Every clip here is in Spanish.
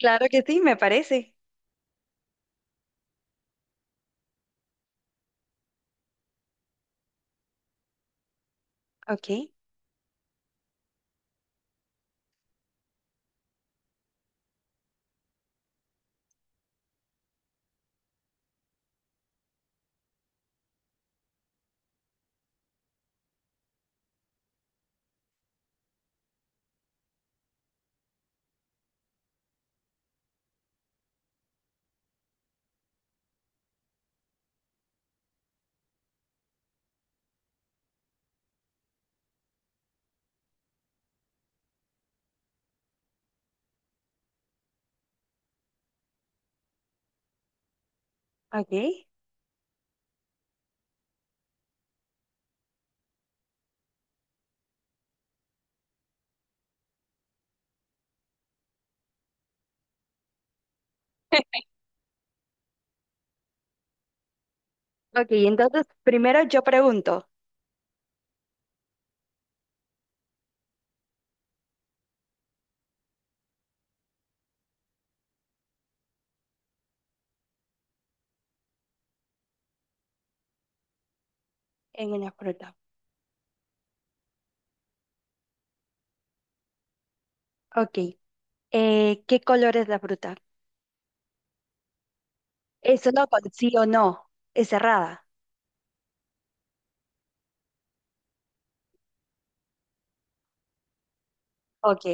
Claro que sí, me parece. Ok, ok. Ok, entonces primero yo pregunto en una fruta. Ok, ¿qué color es la fruta? Eso no con sí o no, es cerrada. Ok,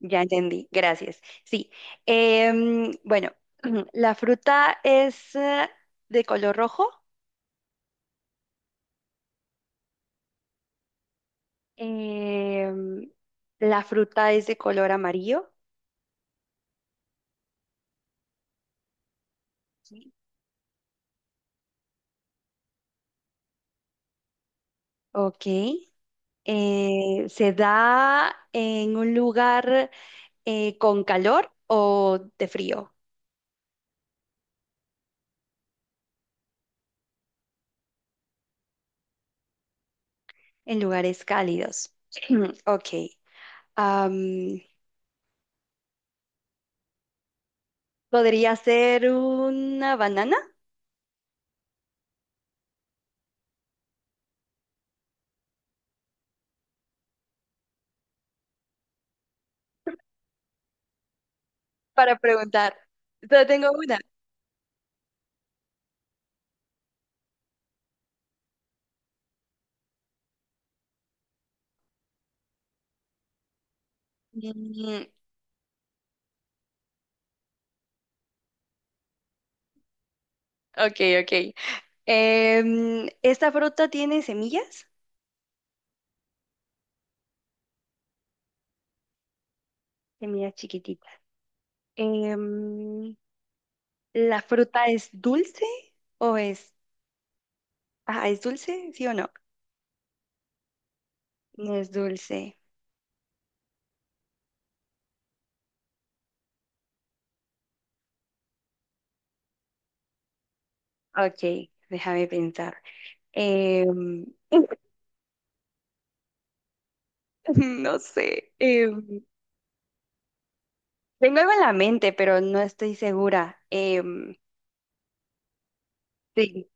ya entendí, gracias. Sí, bueno, la fruta es de color rojo, em, la fruta es de color amarillo. Sí. Ok, se da en un lugar con calor o de frío en lugares cálidos. Ok. am, ¿Podría ser una banana? Para preguntar. Yo tengo una. Mm, ok, ok. ¿Esta fruta tiene semillas? Semillas chiquititas. Em, ¿La fruta es dulce o es... Ah, ¿es dulce? ¿Sí o no? No es dulce. Ok, déjame pensar. Em, No sé. Tengo algo en la mente, pero no estoy segura. Sí.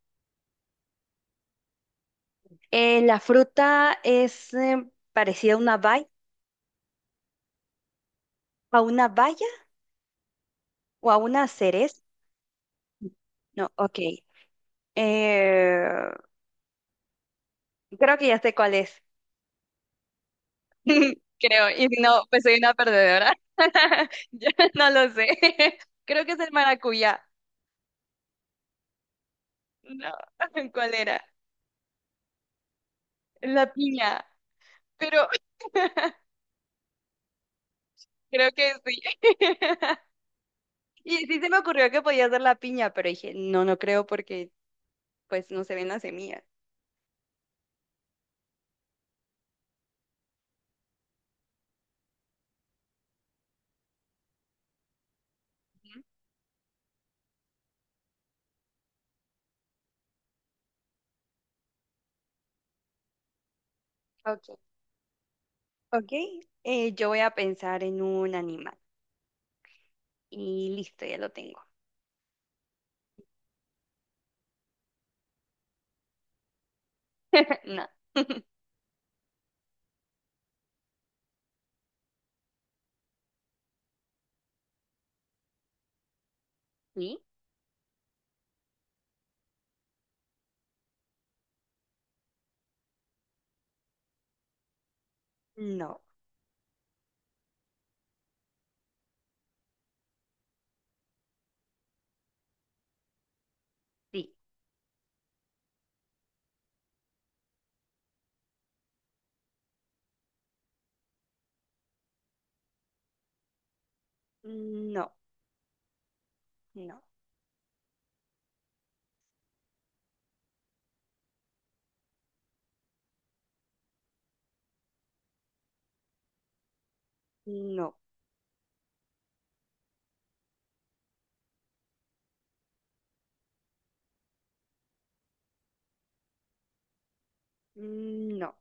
La fruta es parecida a una valla o a una cereza. No, ok. Eh, creo que ya sé cuál es. Creo, y si no, pues soy una perdedora. Ya no lo sé. Creo que es el maracuyá. No, ¿cuál era? La piña. Pero creo que sí. Y sí se me ocurrió que podía ser la piña, pero dije, no, no creo porque pues no se ven las semillas. Ujú. Ok. Ok, yo voy a pensar en un animal. Y listo, ya lo tengo. No. ¿Sí? No. Sí. No. No. No. No.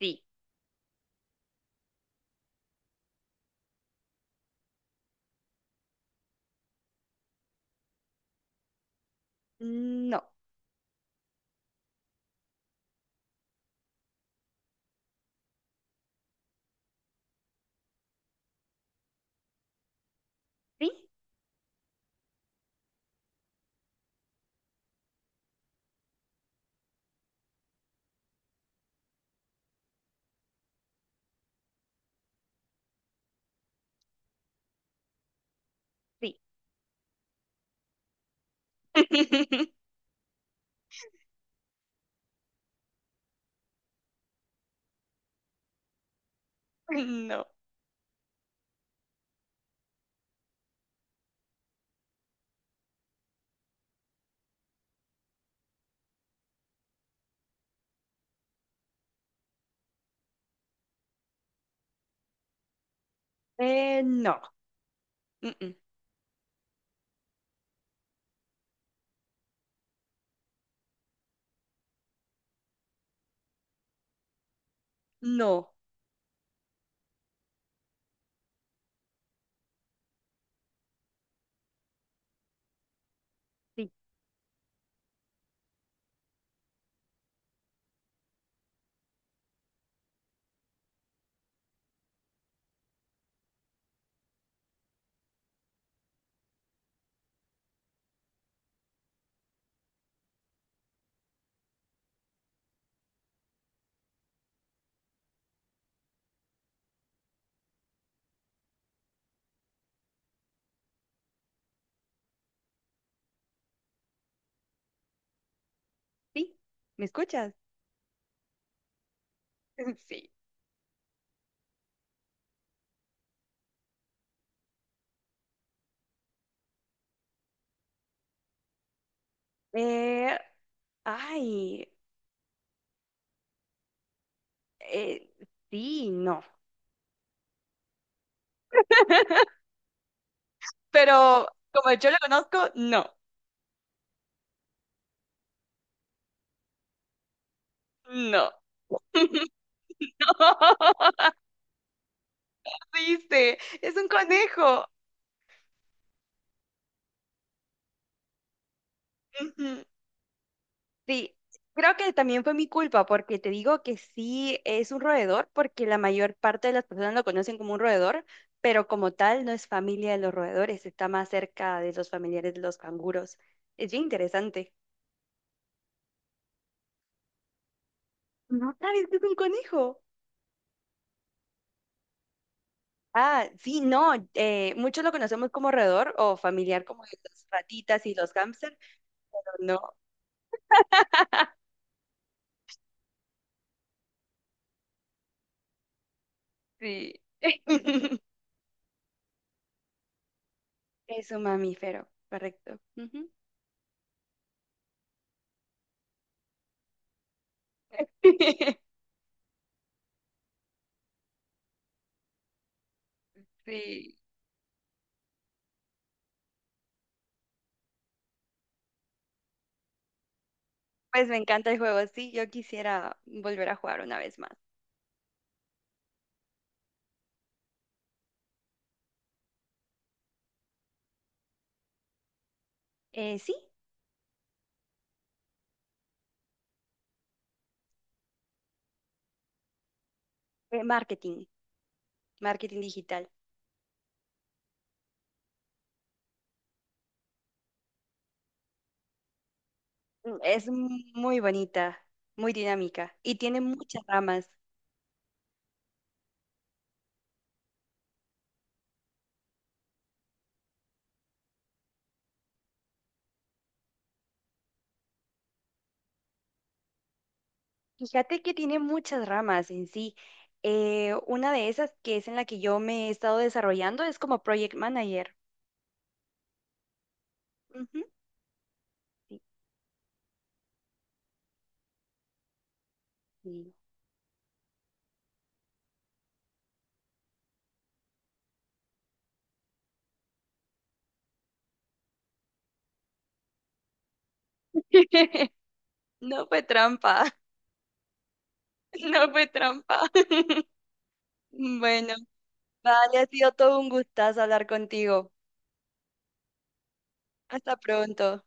Sí. No. Sí. Sí. No. No. Mm-mm. No. Sí. Sí. ¿Me escuchas? Sí. Eh, ay. Eh, sí, no. Pero como yo lo conozco, no, no. No, viste, es un conejo. Ujú. Sí, creo que también fue mi culpa porque te digo que sí es un roedor porque la mayor parte de las personas lo conocen como un roedor, pero como tal no es familia de los roedores, está más cerca de los familiares de los canguros. Es bien interesante. ¿No sabes que es un conejo? Ah, sí, no, muchos lo conocemos como roedor o familiar como de las ratitas y los hámster, pero no, sí. Es un mamífero, correcto. Ujú. Sí, pues me encanta el juego, sí, yo quisiera volver a jugar una vez más. Sí, marketing, marketing digital. Mm, es muy bonita, muy dinámica y tiene muchas ramas. Fíjate que tiene muchas ramas en sí. Una de esas que es en la que yo me he estado desarrollando es como project manager. Ujú, sí, sí. No fue trampa, no fue trampa. Bueno, vale, ha sido todo un gustazo hablar contigo. Hasta pronto.